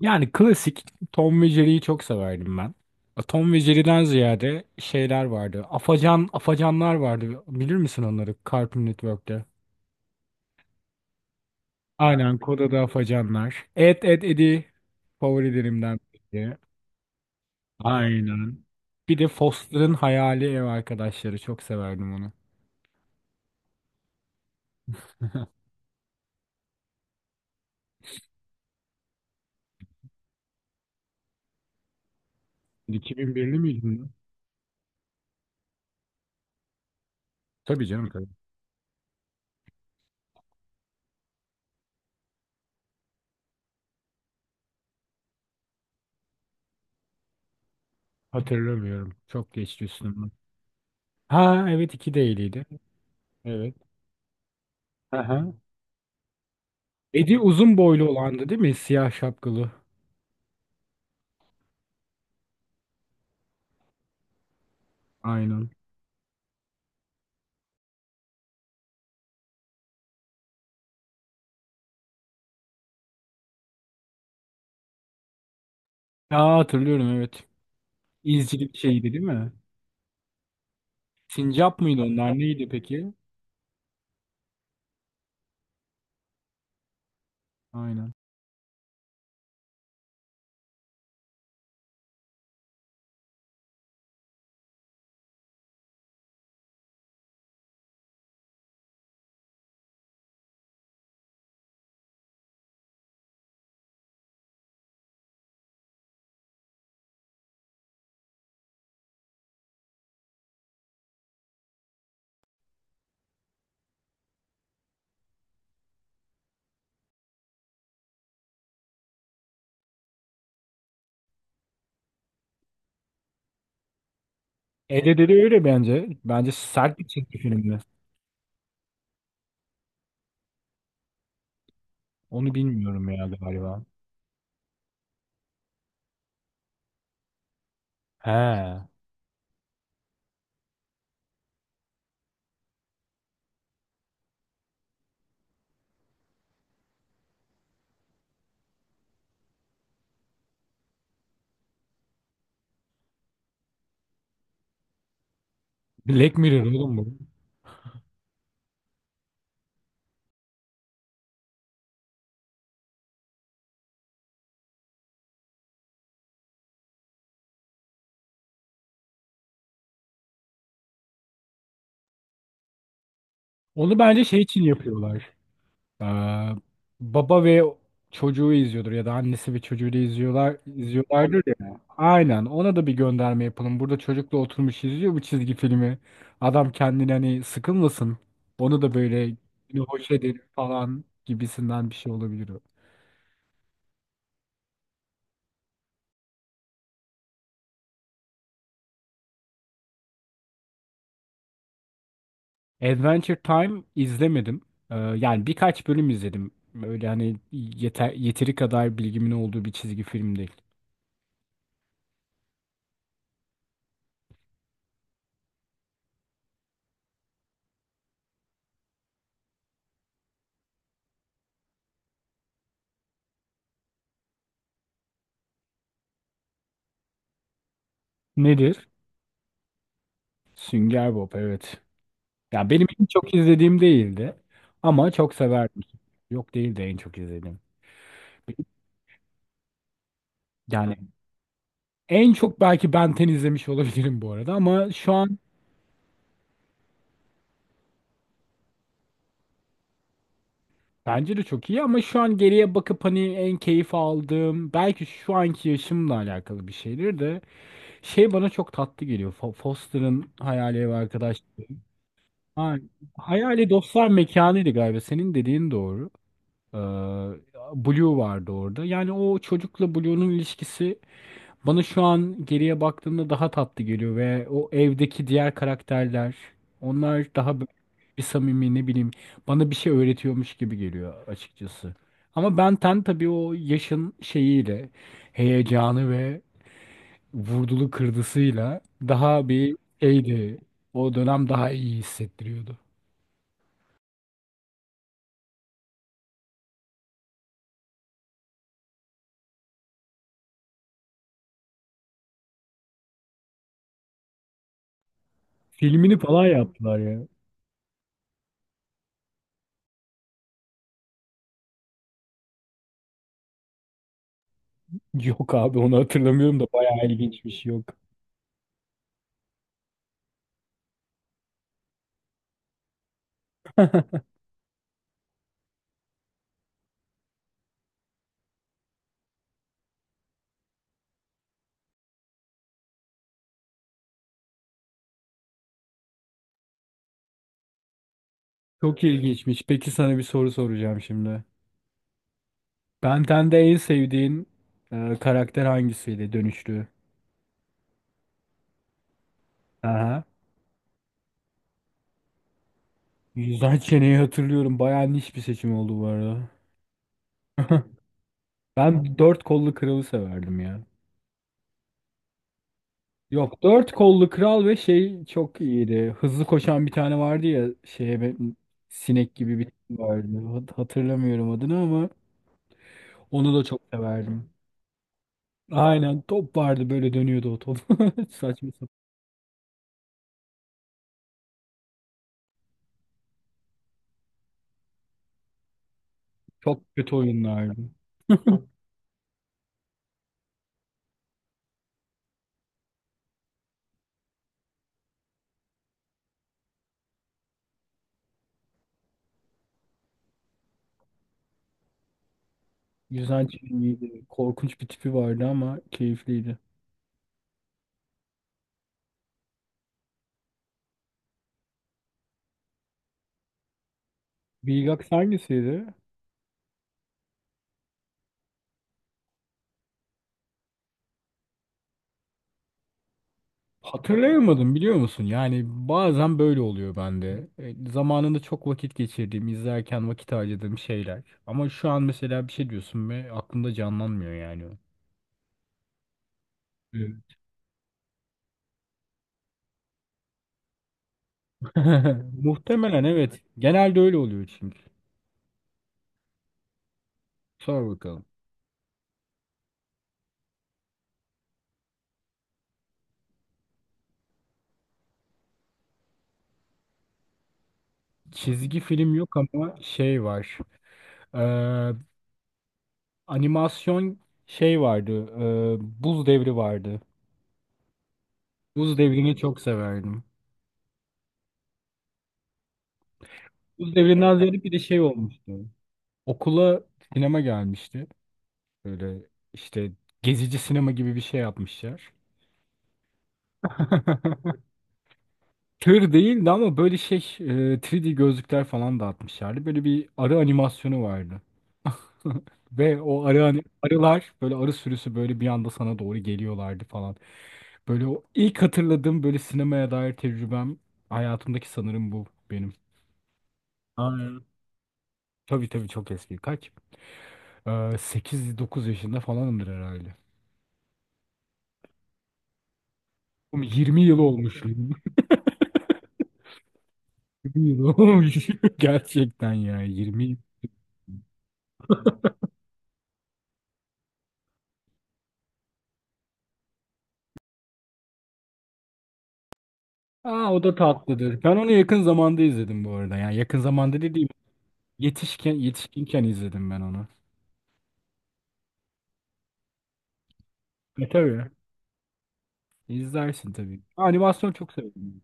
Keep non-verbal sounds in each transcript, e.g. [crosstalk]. Yani klasik Tom ve Jerry'yi çok severdim ben. Tom ve Jerry'den ziyade şeyler vardı. Afacanlar vardı. Bilir misin onları? Cartoon Network'te. Aynen Koda'da afacanlar. Ed Ed Ed'i favorilerimden biri. Aynen. Bir de Foster'ın Hayali Ev Arkadaşları. Çok severdim onu. [laughs] 2001'li miydin lan? Tabii canım, tabii. Hatırlamıyorum. Çok geçti üstümden. Ha, evet, iki değiliydi. Evet. Aha. Eddie uzun boylu olandı değil mi? Siyah şapkalı. Aynen. Aa, hatırlıyorum, evet. İzcilik şeydi değil mi? Sincap mıydı onlar, neydi peki? Aynen. Edeleri öyle bence. Bence sert bir çizgi filmdi. Onu bilmiyorum ya galiba. He. Black Mirror oğlum bu. Onu bence şey için yapıyorlar. Ee, Baba ve çocuğu izliyordur ya da annesi ve çocuğu da izliyorlardır ya. Aynen, ona da bir gönderme yapalım. Burada çocukla oturmuş izliyor bu çizgi filmi. Adam kendini hani sıkılmasın. Onu da böyle "Yine hoş edelim" falan gibisinden bir şey olabilir o. Adventure Time izlemedim. Yani birkaç bölüm izledim. Böyle hani yeteri kadar bilgimin olduğu bir çizgi film değil. Nedir? Sünger Bob, evet. Ya benim en çok izlediğim değildi ama çok severdim. Yok, değil de en çok izlediğim. Yani en çok belki Ben ten izlemiş olabilirim bu arada ama şu an bence de çok iyi ama şu an geriye bakıp hani en keyif aldığım, belki şu anki yaşımla alakalı bir şeydir de, şey bana çok tatlı geliyor. Foster'ın Hayali Ev Arkadaşlığı. Ha, Hayali Dostlar Mekanı'ydı galiba. Senin dediğin doğru. Ee, Blue vardı orada. Yani o çocukla Blue'nun ilişkisi bana şu an geriye baktığımda daha tatlı geliyor, ve o evdeki diğer karakterler, onlar daha böyle bir samimi, ne bileyim, bana bir şey öğretiyormuş gibi geliyor açıkçası. Ama Ben 10 tabii o yaşın şeyiyle, heyecanı ve vurdulu kırdısıyla daha bir şeydi. O dönem daha iyi hissettiriyordu. Filmini falan yaptılar ya. Yok abi, onu hatırlamıyorum da bayağı ilginçmiş, yok. Çok ilginçmiş. Peki sana bir soru soracağım şimdi. Ben Ten'de en sevdiğin karakter hangisiydi, dönüştü? Aha. Yüzden çeneyi hatırlıyorum. Bayağı niş bir seçim oldu bu arada. [laughs] Ben dört kollu kralı severdim ya. Yok, dört kollu kral ve şey çok iyiydi. Hızlı koşan bir tane vardı ya, şeye sinek gibi bir tip vardı. Hatırlamıyorum adını ama onu da çok severdim. Aynen, top vardı, böyle dönüyordu o top. [laughs] Saçma sapan. Çok kötü oyunlardı. Güzel çizgiydi. Korkunç bir tipi vardı ama keyifliydi. Vilgax hangisiydi? Hatırlayamadım, biliyor musun? Yani bazen böyle oluyor bende. Zamanında çok vakit geçirdiğim, izlerken vakit harcadığım şeyler. Ama şu an mesela bir şey diyorsun ve aklımda canlanmıyor yani o. Evet. [laughs] Muhtemelen evet. Genelde öyle oluyor çünkü. Sor bakalım. Çizgi film yok ama şey var. Ee, Animasyon, şey vardı. ee, Buz Devri vardı. Buz Devri'ni çok severdim. Buz Devri'nden ziyade bir de şey olmuştu. Okula sinema gelmişti. Böyle işte gezici sinema gibi bir şey yapmışlar. [laughs] Tır değildi ama böyle şey, 3D gözlükler falan dağıtmışlardı. Böyle bir arı animasyonu vardı. [laughs] Ve o arı arılar, böyle arı sürüsü böyle bir anda sana doğru geliyorlardı falan. Böyle o ilk hatırladığım böyle sinemaya dair tecrübem hayatımdaki sanırım bu benim. Aa, evet. Tabii, tabii, çok eski. Kaç? Ee, 8-9 yaşında falanımdır herhalde. Oğlum, 20 yıl olmuş. [laughs] 20 yıl olmuş. [laughs] Gerçekten ya, 20 yıl. Aa, o da tatlıdır. Ben onu yakın zamanda izledim bu arada. Yani yakın zamanda dediğim, yetişkinken izledim ben onu. E tabii. İzlersin tabii. Animasyon çok severim.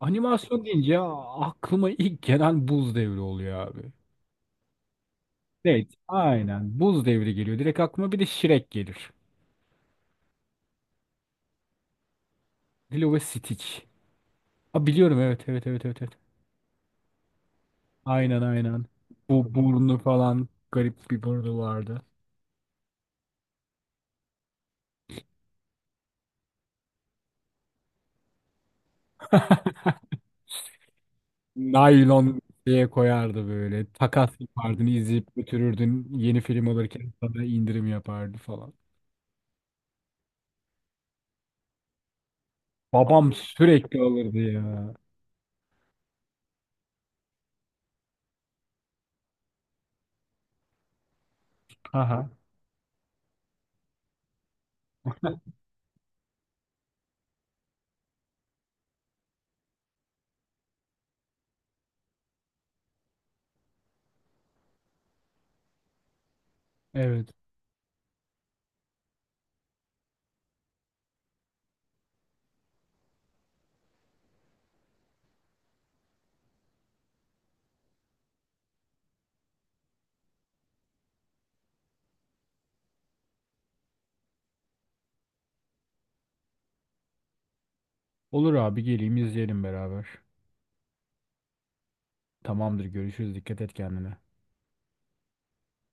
Animasyon deyince aklıma ilk gelen Buz Devri oluyor abi. Evet, aynen. Buz Devri geliyor. Direkt aklıma bir de Shrek gelir. Lilo ve Stitch. Ha, biliyorum, evet, evet, evet, evet, evet. Aynen, aynen. Bu burnu falan, garip bir burnu vardı. Naylon diye koyardı böyle. Takas yapardın, izleyip götürürdün. Yeni film alırken sana indirim yapardı falan. Babam sürekli alırdı ya. Aha, evet. Olur abi, geleyim, izleyelim beraber. Tamamdır, görüşürüz. Dikkat et kendine.